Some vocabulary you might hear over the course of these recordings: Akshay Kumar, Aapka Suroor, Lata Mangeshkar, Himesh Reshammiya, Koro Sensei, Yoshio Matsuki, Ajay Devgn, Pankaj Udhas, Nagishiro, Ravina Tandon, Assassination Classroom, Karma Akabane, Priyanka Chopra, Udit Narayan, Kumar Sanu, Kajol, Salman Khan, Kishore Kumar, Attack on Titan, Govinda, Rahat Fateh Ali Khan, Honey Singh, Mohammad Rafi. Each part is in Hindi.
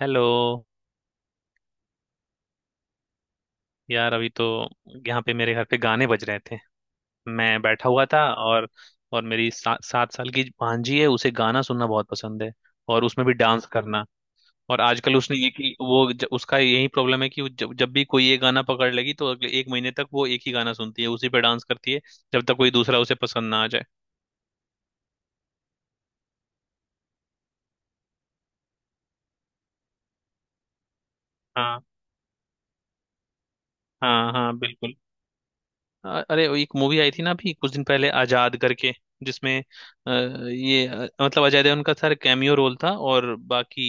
हेलो। यार अभी तो यहाँ पे मेरे घर पे गाने बज रहे थे। मैं बैठा हुआ था। और मेरी 7 साल की भांजी है, उसे गाना सुनना बहुत पसंद है, और उसमें भी डांस करना। और आजकल उसने एक ही उसका यही प्रॉब्लम है कि वो जब जब भी कोई ये गाना पकड़ लेगी तो अगले एक महीने तक वो एक ही गाना सुनती है, उसी पे डांस करती है। जब तक कोई दूसरा उसे पसंद ना आ जाए। हाँ हाँ हाँ, बिल्कुल। अरे वो एक मूवी आई थी ना अभी कुछ दिन पहले, आजाद करके। जिसमें ये मतलब अजय देवगन का सर कैमियो रोल था और बाकी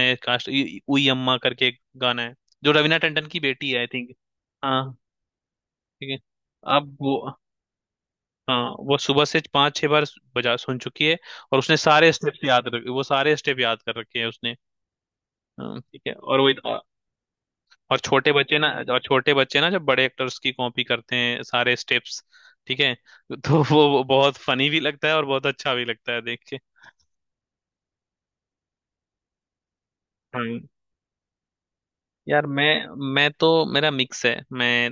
नए कास्ट। उई अम्मा करके एक गाना है, जो रवीना टंडन की बेटी है आई थिंक। हाँ, ठीक है। अब वो, हाँ वो सुबह से 5-6 बार बजा सुन चुकी है। और उसने सारे स्टेप्स याद रखे, वो सारे स्टेप याद कर रखे हैं उसने। हाँ, ठीक है। और वो और छोटे बच्चे ना, और छोटे बच्चे ना जब बड़े एक्टर्स की कॉपी करते हैं सारे स्टेप्स। ठीक है। तो वो बहुत फनी भी लगता है और बहुत अच्छा भी लगता है देख के। हम्म। यार मैं तो मेरा मिक्स है। मैं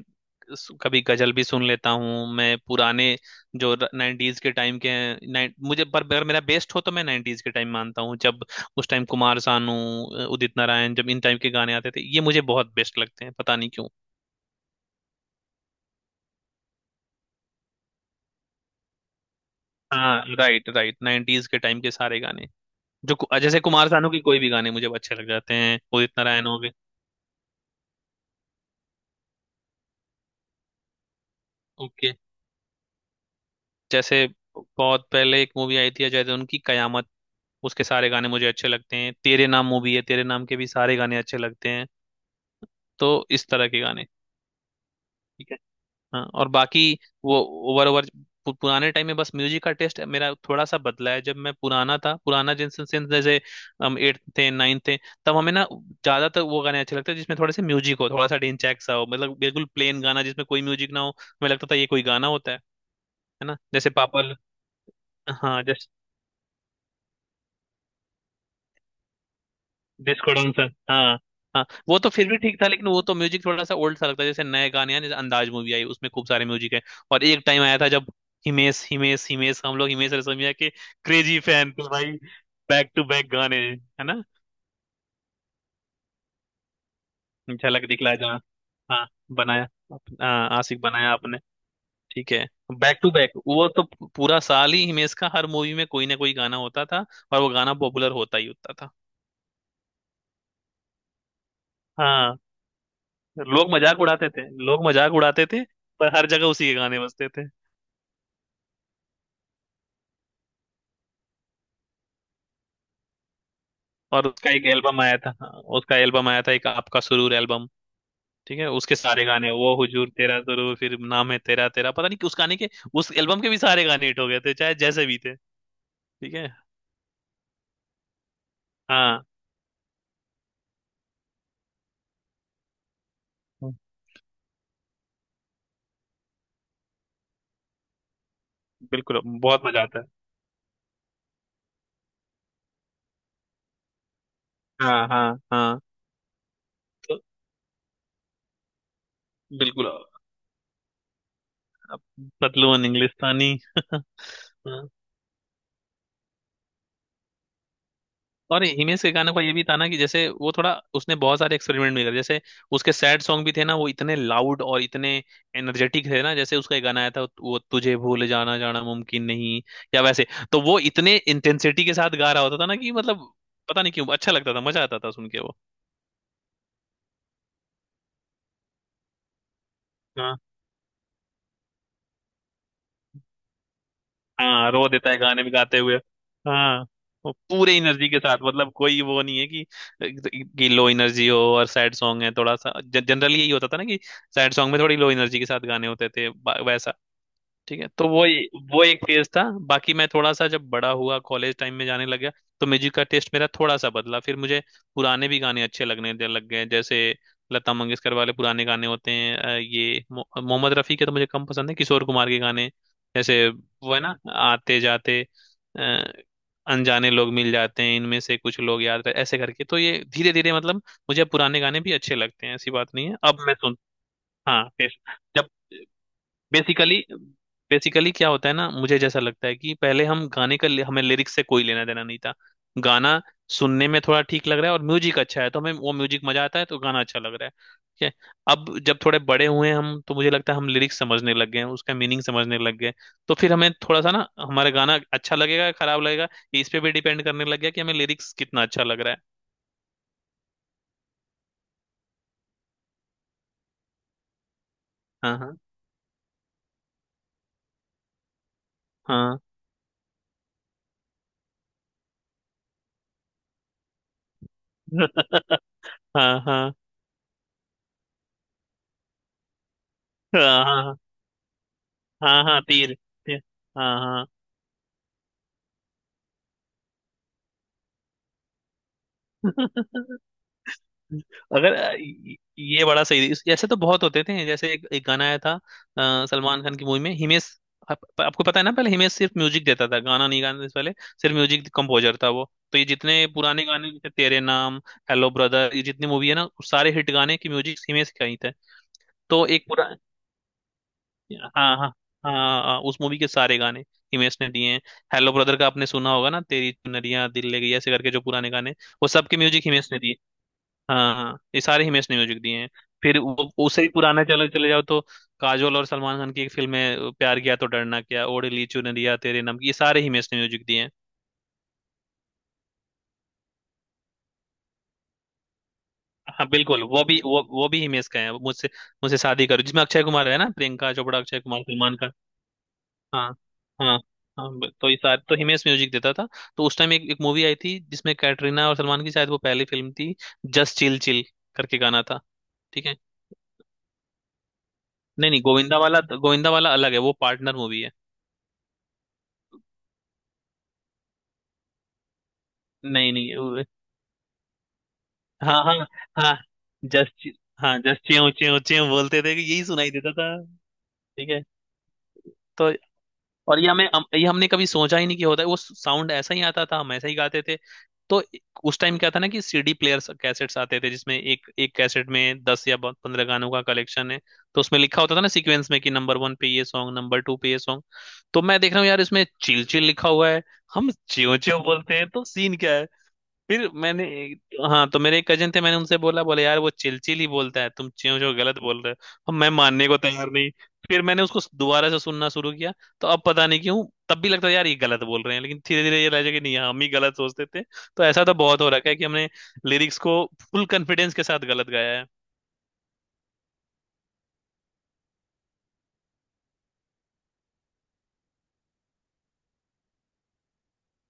कभी गजल भी सुन लेता हूँ। मैं पुराने जो नाइन्टीज के टाइम के हैं, मुझे पर अगर मेरा बेस्ट हो तो मैं नाइन्टीज के टाइम मानता हूँ। जब उस टाइम कुमार सानू, उदित नारायण, जब इन टाइम के गाने आते थे, ये मुझे बहुत बेस्ट लगते हैं, पता नहीं क्यों। हाँ, राइट राइट, नाइन्टीज के टाइम के सारे गाने। जैसे कुमार सानू की कोई भी गाने मुझे अच्छे लग जाते हैं, उदित नारायण हो गए। ओके। जैसे बहुत पहले एक मूवी आई थी अजय देवगन की, कयामत। उसके सारे गाने मुझे अच्छे लगते हैं। तेरे नाम मूवी है, तेरे नाम के भी सारे गाने अच्छे लगते हैं। तो इस तरह के गाने। हाँ और बाकी वो ओवर ओवर पुराने टाइम में बस म्यूजिक का टेस्ट मेरा थोड़ा सा बदला है। जब मैं पुराना था, पुराना जिनसे since जैसे हम एट्थ थे, नाइन्थ थे, तब हमें ना ज्यादातर वो गाने अच्छे लगते थे जिसमें थोड़े से म्यूजिक हो, थोड़ा सा डिंचैक सा हो। मतलब बिल्कुल प्लेन गाना जिसमें कोई म्यूजिक ना हो, हमें लगता था ये कोई गाना होता है ना? हाँ, डिस्को डांसर, हाँ। हाँ वो तो फिर भी ठीक था, लेकिन वो तो म्यूजिक थोड़ा सा ओल्ड सा लगता है। जैसे नए गाने हैं, जैसे अंदाज मूवी आई उसमें खूब सारे म्यूजिक है। और एक टाइम आया था जब हिमेश हिमेश हिमेश, हम लोग हिमेश रेशमिया के क्रेजी फैन थे भाई। बैक टू बैक गाने है ना। झलक दिखला जहाँ, हाँ, बनाया, हाँ आशिक बनाया आपने। ठीक है। बैक टू बैक वो तो पूरा साल ही हिमेश का हर मूवी में कोई ना कोई गाना होता था, और वो गाना पॉपुलर होता ही होता था। हाँ, लोग मजाक उड़ाते थे, लोग मजाक उड़ाते थे, पर हर जगह उसी के गाने बजते थे। और उसका एक एल्बम आया था, हाँ, उसका एल्बम आया था एक, आपका सुरूर एल्बम। ठीक है उसके सारे गाने, वो हुजूर तेरा सुरूर, फिर नाम है तेरा तेरा, पता नहीं कि उस गाने के, उस एल्बम के भी सारे गाने हिट हो गए थे, चाहे जैसे भी थे। ठीक है। हाँ बिल्कुल, बहुत मजा आता है। हाँ हाँ हाँ। तो बिल्कुल। अब पतलू और इंग्लिस्तानी। हाँ, और हिमेश के गाने का ये भी था ना कि जैसे वो थोड़ा, उसने बहुत सारे एक्सपेरिमेंट भी करे। जैसे उसके सैड सॉन्ग भी थे ना, वो इतने लाउड और इतने एनर्जेटिक थे ना। जैसे उसका एक गाना आया था वो, तुझे भूल जाना जाना मुमकिन नहीं, या वैसे। तो वो इतने इंटेंसिटी के साथ गा रहा होता था ना कि मतलब पता नहीं क्यों अच्छा लगता था, मजा आता था सुन के। वो, हाँ रो देता है गाने में गाते हुए। हाँ वो पूरे एनर्जी के साथ, मतलब कोई वो नहीं है कि लो एनर्जी हो और सैड सॉन्ग है। थोड़ा सा जनरली यही होता था ना कि सैड सॉन्ग में थोड़ी लो एनर्जी के साथ गाने होते थे, वैसा। ठीक है। तो वो एक फेज था। बाकी मैं थोड़ा सा जब बड़ा हुआ, कॉलेज टाइम में जाने लग गया, तो म्यूजिक का टेस्ट मेरा थोड़ा सा बदला। फिर मुझे पुराने भी गाने अच्छे लग गए। जैसे लता मंगेशकर वाले पुराने गाने होते हैं, ये मोहम्मद रफी के तो मुझे कम पसंद है, किशोर कुमार के गाने, जैसे वो है ना, आते जाते अ, अनजाने लोग मिल जाते हैं, इनमें से कुछ लोग याद रहे, ऐसे करके। तो ये धीरे धीरे, मतलब मुझे पुराने गाने भी अच्छे लगते हैं, ऐसी बात नहीं है, अब मैं सुन। हाँ फिर जब बेसिकली, बेसिकली क्या होता है ना, मुझे जैसा लगता है कि पहले हम गाने का, हमें लिरिक्स से कोई लेना देना नहीं था। गाना सुनने में थोड़ा ठीक लग रहा है और म्यूजिक अच्छा है, तो हमें वो म्यूजिक मजा आता है, तो गाना अच्छा लग रहा है। ठीक है। अब जब थोड़े बड़े हुए हम, तो मुझे लगता है हम लिरिक्स समझने लग गए हैं, उसका मीनिंग समझने लग गए। तो फिर हमें थोड़ा सा ना, हमारा गाना अच्छा लगेगा या खराब लगेगा, ये इस पे भी डिपेंड करने लग गया कि हमें लिरिक्स कितना अच्छा लग रहा है। हाँ हाँ हाँ। हाँ हाँ हाँ हाँ हाँ हाँ, तीर, तीर, हाँ हाँ। अगर ये बड़ा सही ऐसे तो बहुत होते थे। जैसे एक, एक गाना आया था सलमान खान की मूवी में, हिमेश। आपको पता है ना, पहले हिमेश सिर्फ म्यूजिक देता था, गाना नहीं गाने से पहले, सिर्फ म्यूजिक कंपोजर था वो। तो ये जितने पुराने गाने, जैसे तेरे नाम, हेलो ब्रदर, ये जितनी मूवी है ना, उस सारे हिट गाने की म्यूजिक हिमेश का ही थे। तो एक पूरा, हाँ हाँ हाँ, हाँ, उस मूवी के सारे गाने हिमेश ने दिए हैं। हेलो ब्रदर का आपने सुना होगा ना, तेरी चुनरिया दिल ले गई, ऐसे करके, जो पुराने गाने, वो सबके म्यूजिक हिमेश ने दिए। हाँ हाँ, ये सारे हिमेश ने म्यूजिक दिए हैं। फिर वो उससे ही पुराना, चले चले जाओ, तो काजोल और सलमान खान की एक फिल्म है, प्यार किया तो डरना क्या, ओढ़ ली चुन लिया, तेरे नाम की, ये सारे हिमेश ने म्यूजिक दिए हैं। हाँ बिल्कुल, वो भी, वो भी हिमेश का है, मुझसे, मुझसे शादी करो जिसमें अक्षय कुमार है ना, प्रियंका चोपड़ा, अक्षय कुमार, सलमान खान। हाँ हाँ हाँ। तो ये सारे तो हिमेश म्यूजिक देता था। तो उस टाइम एक एक मूवी आई थी जिसमें कैटरीना और सलमान की, शायद वो पहली फिल्म थी, जस्ट चिल चिल करके गाना था। ठीक है। नहीं नहीं, गोविंदा वाला, गोविंदा वाला अलग है, वो पार्टनर मूवी है। नहीं नहीं वो, हाँ हाँ हाँ, जस्ट, हाँ जस्ट च्यों च्यों च्यों बोलते थे कि यही सुनाई देता था। ठीक है। तो और ये हमें ये हमने कभी सोचा ही नहीं कि होता है, वो साउंड ऐसा ही आता था, हम ऐसा ही गाते थे। तो उस टाइम क्या था ना कि सीडी प्लेयर्स, कैसेट्स आते थे, जिसमें एक एक कैसेट में 10 या 15 गानों का कलेक्शन है। तो उसमें लिखा होता था ना सीक्वेंस में कि नंबर वन पे ये सॉन्ग, नंबर टू पे ये सॉन्ग। तो मैं देख रहा हूँ यार इसमें चिल चिल लिखा हुआ है, हम च्यों च्यों बोलते हैं, तो सीन क्या। फिर मैंने, हाँ तो मेरे एक कजन थे, मैंने उनसे बोला, बोले यार वो चिलचिल ही बोलता है, तुम च्यों च्यों गलत बोल रहे हो। अब मैं मानने को तैयार नहीं। फिर मैंने उसको दोबारा से सुनना शुरू किया। तो अब पता नहीं क्यों तब भी लगता है यार ये गलत बोल रहे हैं, लेकिन धीरे धीरे ये लगा कि नहीं, हम ही गलत सोचते थे। तो ऐसा तो बहुत हो रखा है कि हमने लिरिक्स को फुल कॉन्फिडेंस के साथ गलत गाया है।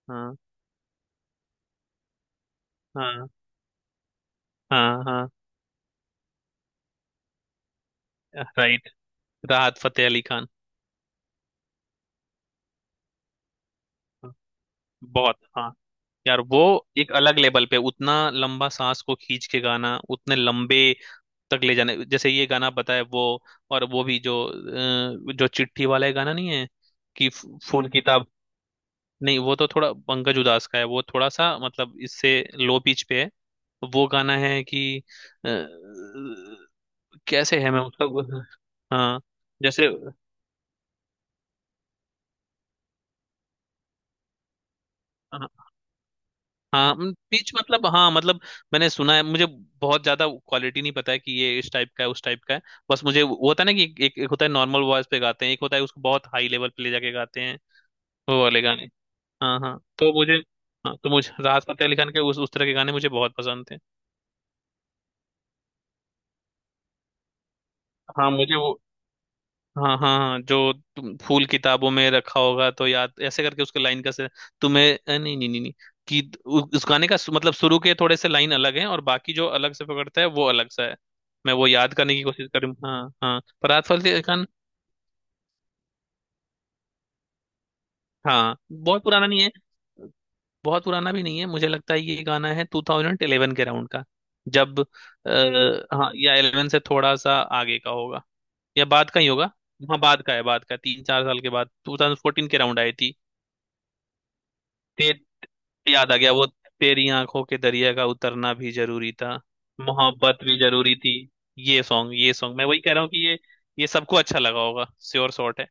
हाँ हाँ हाँ, हाँ राइट, राहत फतेह अली खान। हाँ, बहुत हाँ। यार वो एक अलग लेवल पे उतना लंबा सांस को खींच के गाना, उतने लंबे तक ले जाने, जैसे ये गाना बताया वो। और वो भी जो जो चिट्ठी वाला है गाना, नहीं है कि फूल किताब, नहीं वो तो थोड़ा पंकज उधास का है, वो थोड़ा सा मतलब इससे लो पिच पे है। वो गाना है कि अ, कैसे है, मैं उसका। हाँ जैसे, हाँ हाँ, पिच मतलब हाँ, मतलब मैंने सुना है, मुझे बहुत ज्यादा क्वालिटी नहीं पता है कि ये इस टाइप का है उस टाइप का है। बस मुझे वो होता है ना कि एक, एक होता है नॉर्मल वॉइस पे गाते हैं, एक होता है उसको बहुत हाई लेवल पे ले जाके गाते हैं। वो वाले गाने। हाँ हाँ तो मुझे, हाँ तो मुझे राहत फतेह अली खान के उस तरह के गाने मुझे बहुत पसंद थे। हाँ मुझे वो, हाँ हाँ हाँ, जो तुम फूल किताबों में रखा होगा तो याद, ऐसे करके उसके लाइन का से। तुम्हें नहीं नहीं नहीं नहीं, कि उस गाने का मतलब शुरू के थोड़े से लाइन अलग हैं, और बाकी जो अलग से पकड़ता है वो अलग सा है। मैं वो याद करने की कोशिश करूँ। हाँ हाँ, पर राहत फतेह अली खान। हाँ बहुत पुराना नहीं है, बहुत पुराना भी नहीं है। मुझे लगता है ये गाना है 2011 के अराउंड का। जब हाँ, या 11 से थोड़ा सा आगे का होगा या बाद का ही होगा। हाँ बाद का है, बाद का 3-4 साल के बाद, 2014 के अराउंड आई थी। ते, याद आ गया वो, तेरी आंखों के दरिया का उतरना भी जरूरी था, मोहब्बत भी जरूरी थी। ये सॉन्ग, ये सॉन्ग मैं वही कह रहा हूँ कि ये सबको अच्छा लगा होगा, श्योर शॉट है।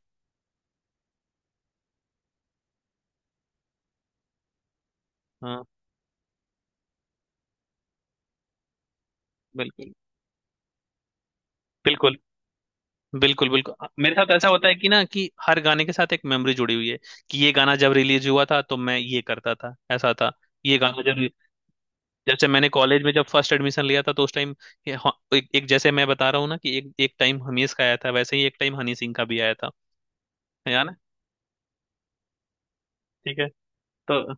हाँ बिल्कुल बिल्कुल, बिल्कुल बिल्कुल। मेरे साथ ऐसा होता है कि ना कि हर गाने के साथ एक मेमोरी जुड़ी हुई है, कि ये गाना जब रिलीज हुआ था तो मैं ये करता था, ऐसा था। ये गाना जब, जैसे मैंने कॉलेज में जब फर्स्ट एडमिशन लिया था तो उस टाइम एक, एक जैसे मैं बता रहा हूँ ना कि एक एक टाइम हमीज का आया था, वैसे ही एक टाइम हनी सिंह का भी आया था। है ना। ठीक है। तो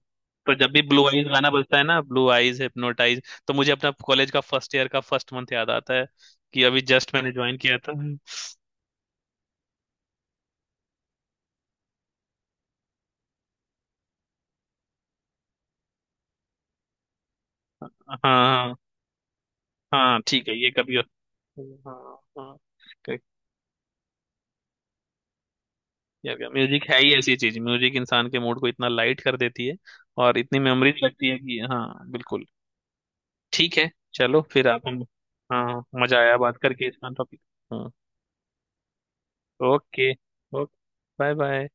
तो जब भी ब्लू आइज गाना बजता है ना, ब्लू आइज हिप्नोटाइज, तो मुझे अपना कॉलेज का फर्स्ट ईयर का फर्स्ट मंथ याद आता है, कि अभी जस्ट मैंने ज्वाइन किया था। हाँ हाँ हाँ, ठीक है, ये कभी। हाँ हाँ, करेक्ट। या क्या म्यूजिक है ही ऐसी चीज, म्यूजिक इंसान के मूड को इतना लाइट कर देती है, और इतनी मेमोरीज लगती है कि हाँ बिल्कुल। ठीक है, चलो फिर आप हम। हाँ मजा आया बात करके, इसका topic. Okay okay, bye bye.